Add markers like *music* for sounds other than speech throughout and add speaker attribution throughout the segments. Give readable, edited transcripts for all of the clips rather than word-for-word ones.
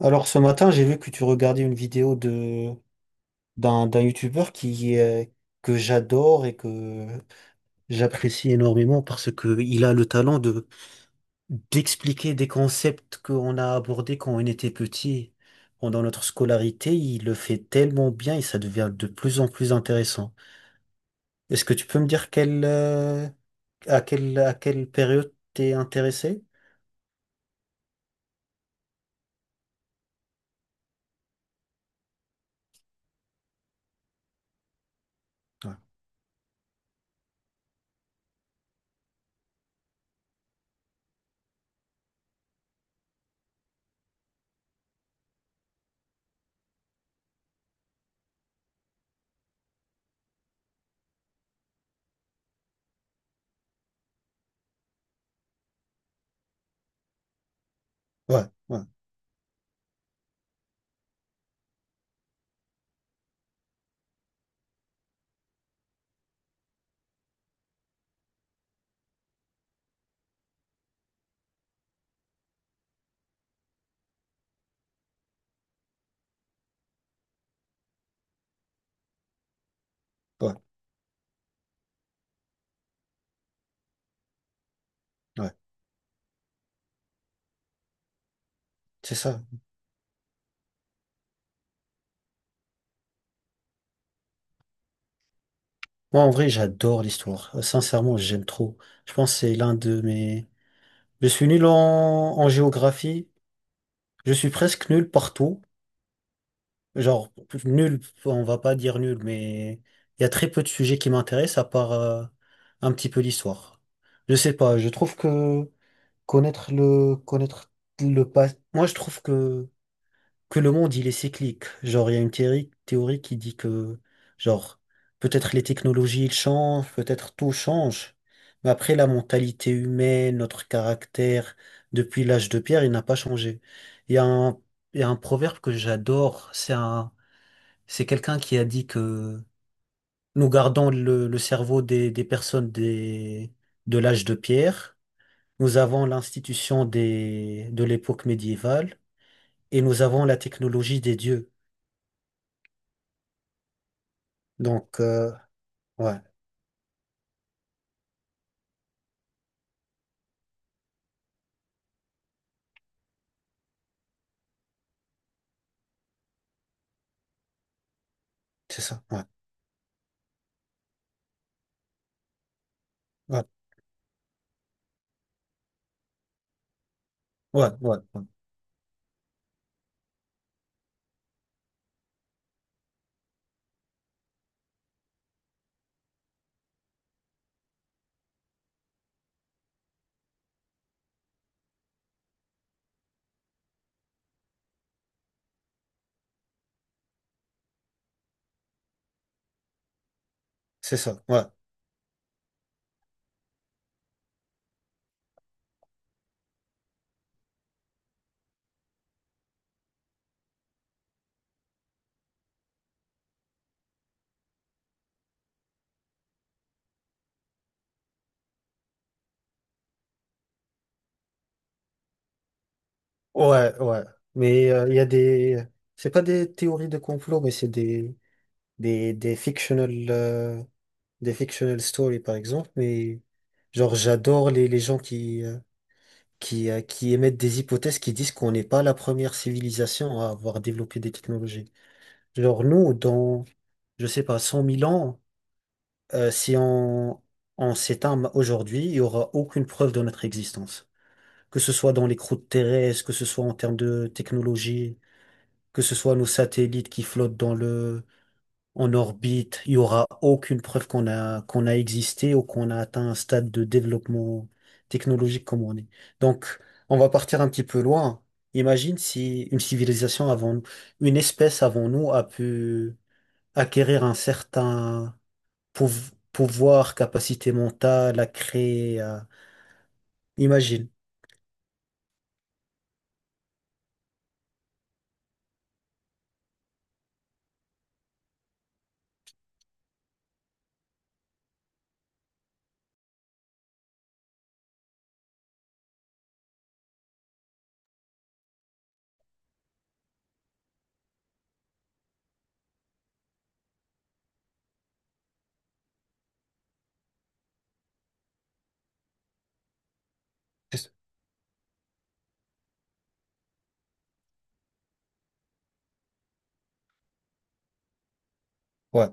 Speaker 1: Alors ce matin, j'ai vu que tu regardais une vidéo de d'un d'un youtubeur qui est que j'adore et que j'apprécie énormément parce que il a le talent de d'expliquer des concepts qu'on a abordés quand on était petit pendant notre scolarité. Il le fait tellement bien et ça devient de plus en plus intéressant. Est-ce que tu peux me dire quelle à quelle période t'es intéressé? Ouais, ouais, ouais, ouais, ouais, c'est ça. Moi, en vrai, j'adore l'histoire. Sincèrement, j'aime trop. Je pense que c'est l'un de mes... Je suis nul en... en géographie. Je suis presque nul partout. Genre, nul, on va pas dire nul, mais il y a très peu de sujets qui m'intéressent à part un petit peu l'histoire. Je sais pas, je trouve que connaître le passé... Moi, je trouve que le monde, il est cyclique. Genre, il y a une théorie qui dit que, genre, peut-être les technologies, ils changent, peut-être tout change. Mais après, la mentalité humaine, notre caractère, depuis l'âge de pierre, il n'a pas changé. Il y a un, il y a un proverbe que j'adore. C'est un, c'est quelqu'un qui a dit que nous gardons le cerveau des personnes des, de l'âge de pierre. Nous avons l'institution des, de l'époque médiévale et nous avons la technologie des dieux. Donc, ouais, c'est ça. Ouais, ouais, ouais, ouais, ouais, c'est ça. Ouais, ouais, ouais. Mais il y a des. C'est pas des théories de complot, mais c'est des fictional, des fictional stories, par exemple. Mais genre, j'adore les gens qui émettent des hypothèses qui disent qu'on n'est pas la première civilisation à avoir développé des technologies. Genre, nous, dans, je sais pas, 100 000 ans, si on s'éteint aujourd'hui, il n'y aura aucune preuve de notre existence. Que ce soit dans les croûtes terrestres, que ce soit en termes de technologie, que ce soit nos satellites qui flottent en orbite, il n'y aura aucune preuve qu'on a existé ou qu'on a atteint un stade de développement technologique comme on est. Donc, on va partir un petit peu loin. Imagine si une civilisation avant, une espèce avant nous a pu acquérir un certain pouvoir, capacité mentale à créer. À- Imagine. Ouais,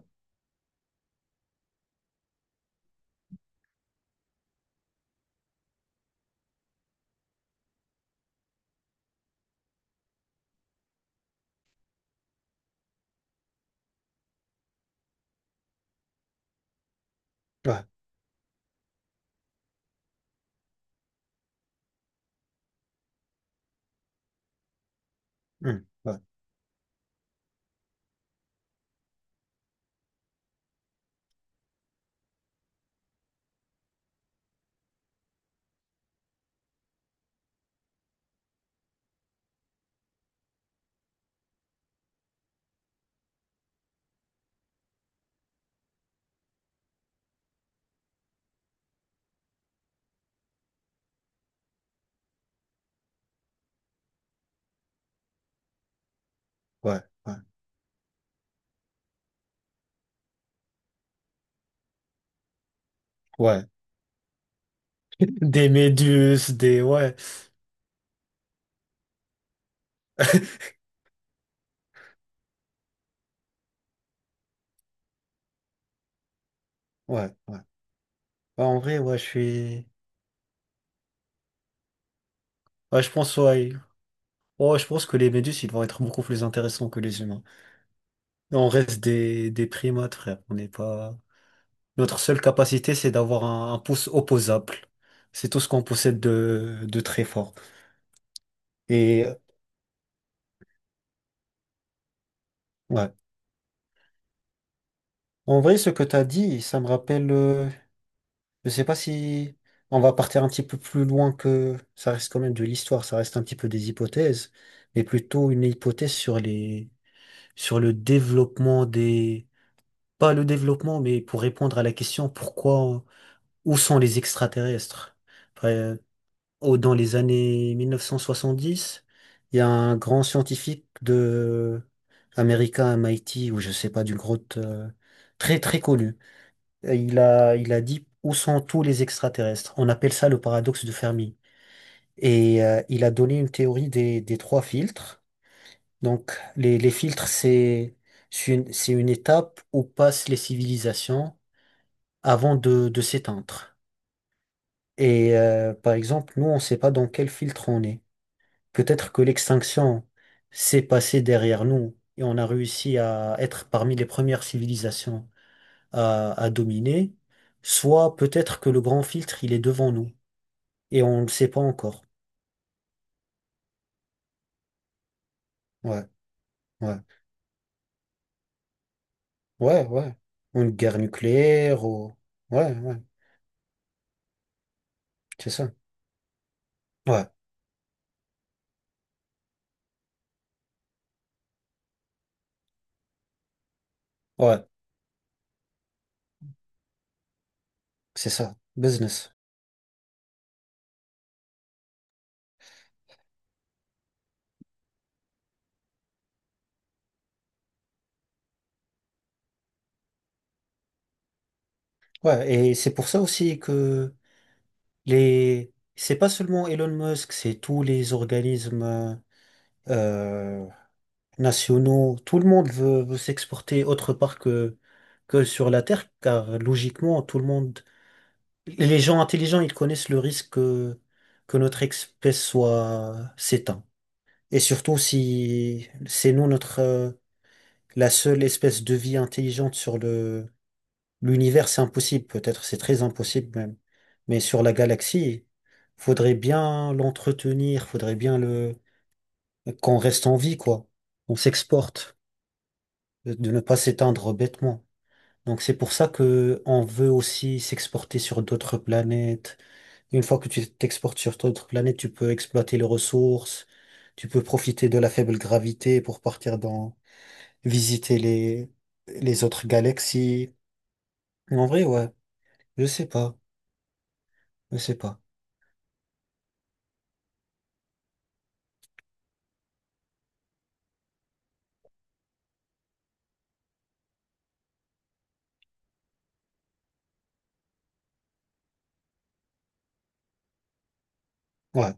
Speaker 1: ouais, hmm, ouais, ouais, ouais, ouais. *laughs* Des méduses, des... Ouais, *laughs* ouais, ouais. Ouais, en vrai, ouais, je suis... Ouais, je pense, ouais. Oh, je pense que les méduses, ils vont être beaucoup plus intéressants que les humains. On reste des primates, frère. On n'est pas... Notre seule capacité, c'est d'avoir un pouce opposable. C'est tout ce qu'on possède de très fort. Et ouais. En vrai, ce que tu as dit, ça me rappelle. Je sais pas si on va partir un petit peu plus loin que ça reste quand même de l'histoire, ça reste un petit peu des hypothèses, mais plutôt une hypothèse sur les sur le développement des pas le développement, mais pour répondre à la question pourquoi où sont les extraterrestres? Après, au- dans les années 1970, il y a un grand scientifique de américain à MIT ou je sais pas d'une grotte très très connu euh, il a dit où sont tous les extraterrestres? On appelle ça le paradoxe de Fermi. Et il a donné une théorie des trois filtres. Donc, les filtres, c'est une étape où passent les civilisations avant de s'éteindre. Et par exemple, nous, on ne sait pas dans quel filtre on est. Peut-être que l'extinction s'est passée derrière nous et on a réussi à être parmi les premières civilisations à dominer. Soit peut-être que le grand filtre, il est devant nous. Et on ne le sait pas encore. Ouais, ouais, ouais, ouais. Ou une guerre nucléaire, ou... Ouais, ouais, c'est ça. Ouais, ouais, c'est ça. Business. Ouais, et c'est pour ça aussi que les... C'est pas seulement Elon Musk, c'est tous les organismes euh, nationaux. Tout le monde veut s'exporter autre part que sur la Terre, car logiquement, tout le monde... Les gens intelligents, ils connaissent le risque que notre espèce soit s'éteint. Et surtout si c'est nous notre la seule espèce de vie intelligente sur le l'univers, c'est impossible, peut-être c'est très impossible même. Mais sur la galaxie, faudrait bien l'entretenir, faudrait bien le qu'on reste en vie, quoi. On s'exporte, de ne pas s'éteindre bêtement. Donc c'est pour ça que on veut aussi s'exporter sur d'autres planètes. Une fois que tu t'exportes sur d'autres planètes, tu peux exploiter les ressources, tu peux profiter de la faible gravité pour partir dans visiter les autres galaxies. En vrai, ouais, je sais pas, je sais pas. Ouais.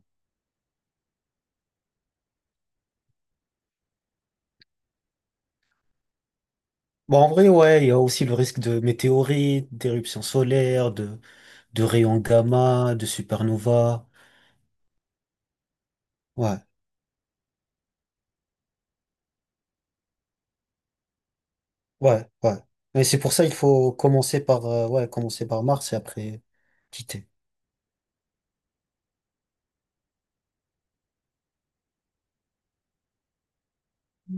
Speaker 1: Bon, en vrai, ouais, il y a aussi le risque de météorites, d'éruptions solaires, de rayons gamma, de supernova. Ouais, ouais, ouais. Mais c'est pour ça il faut commencer par, ouais, commencer par Mars et après quitter.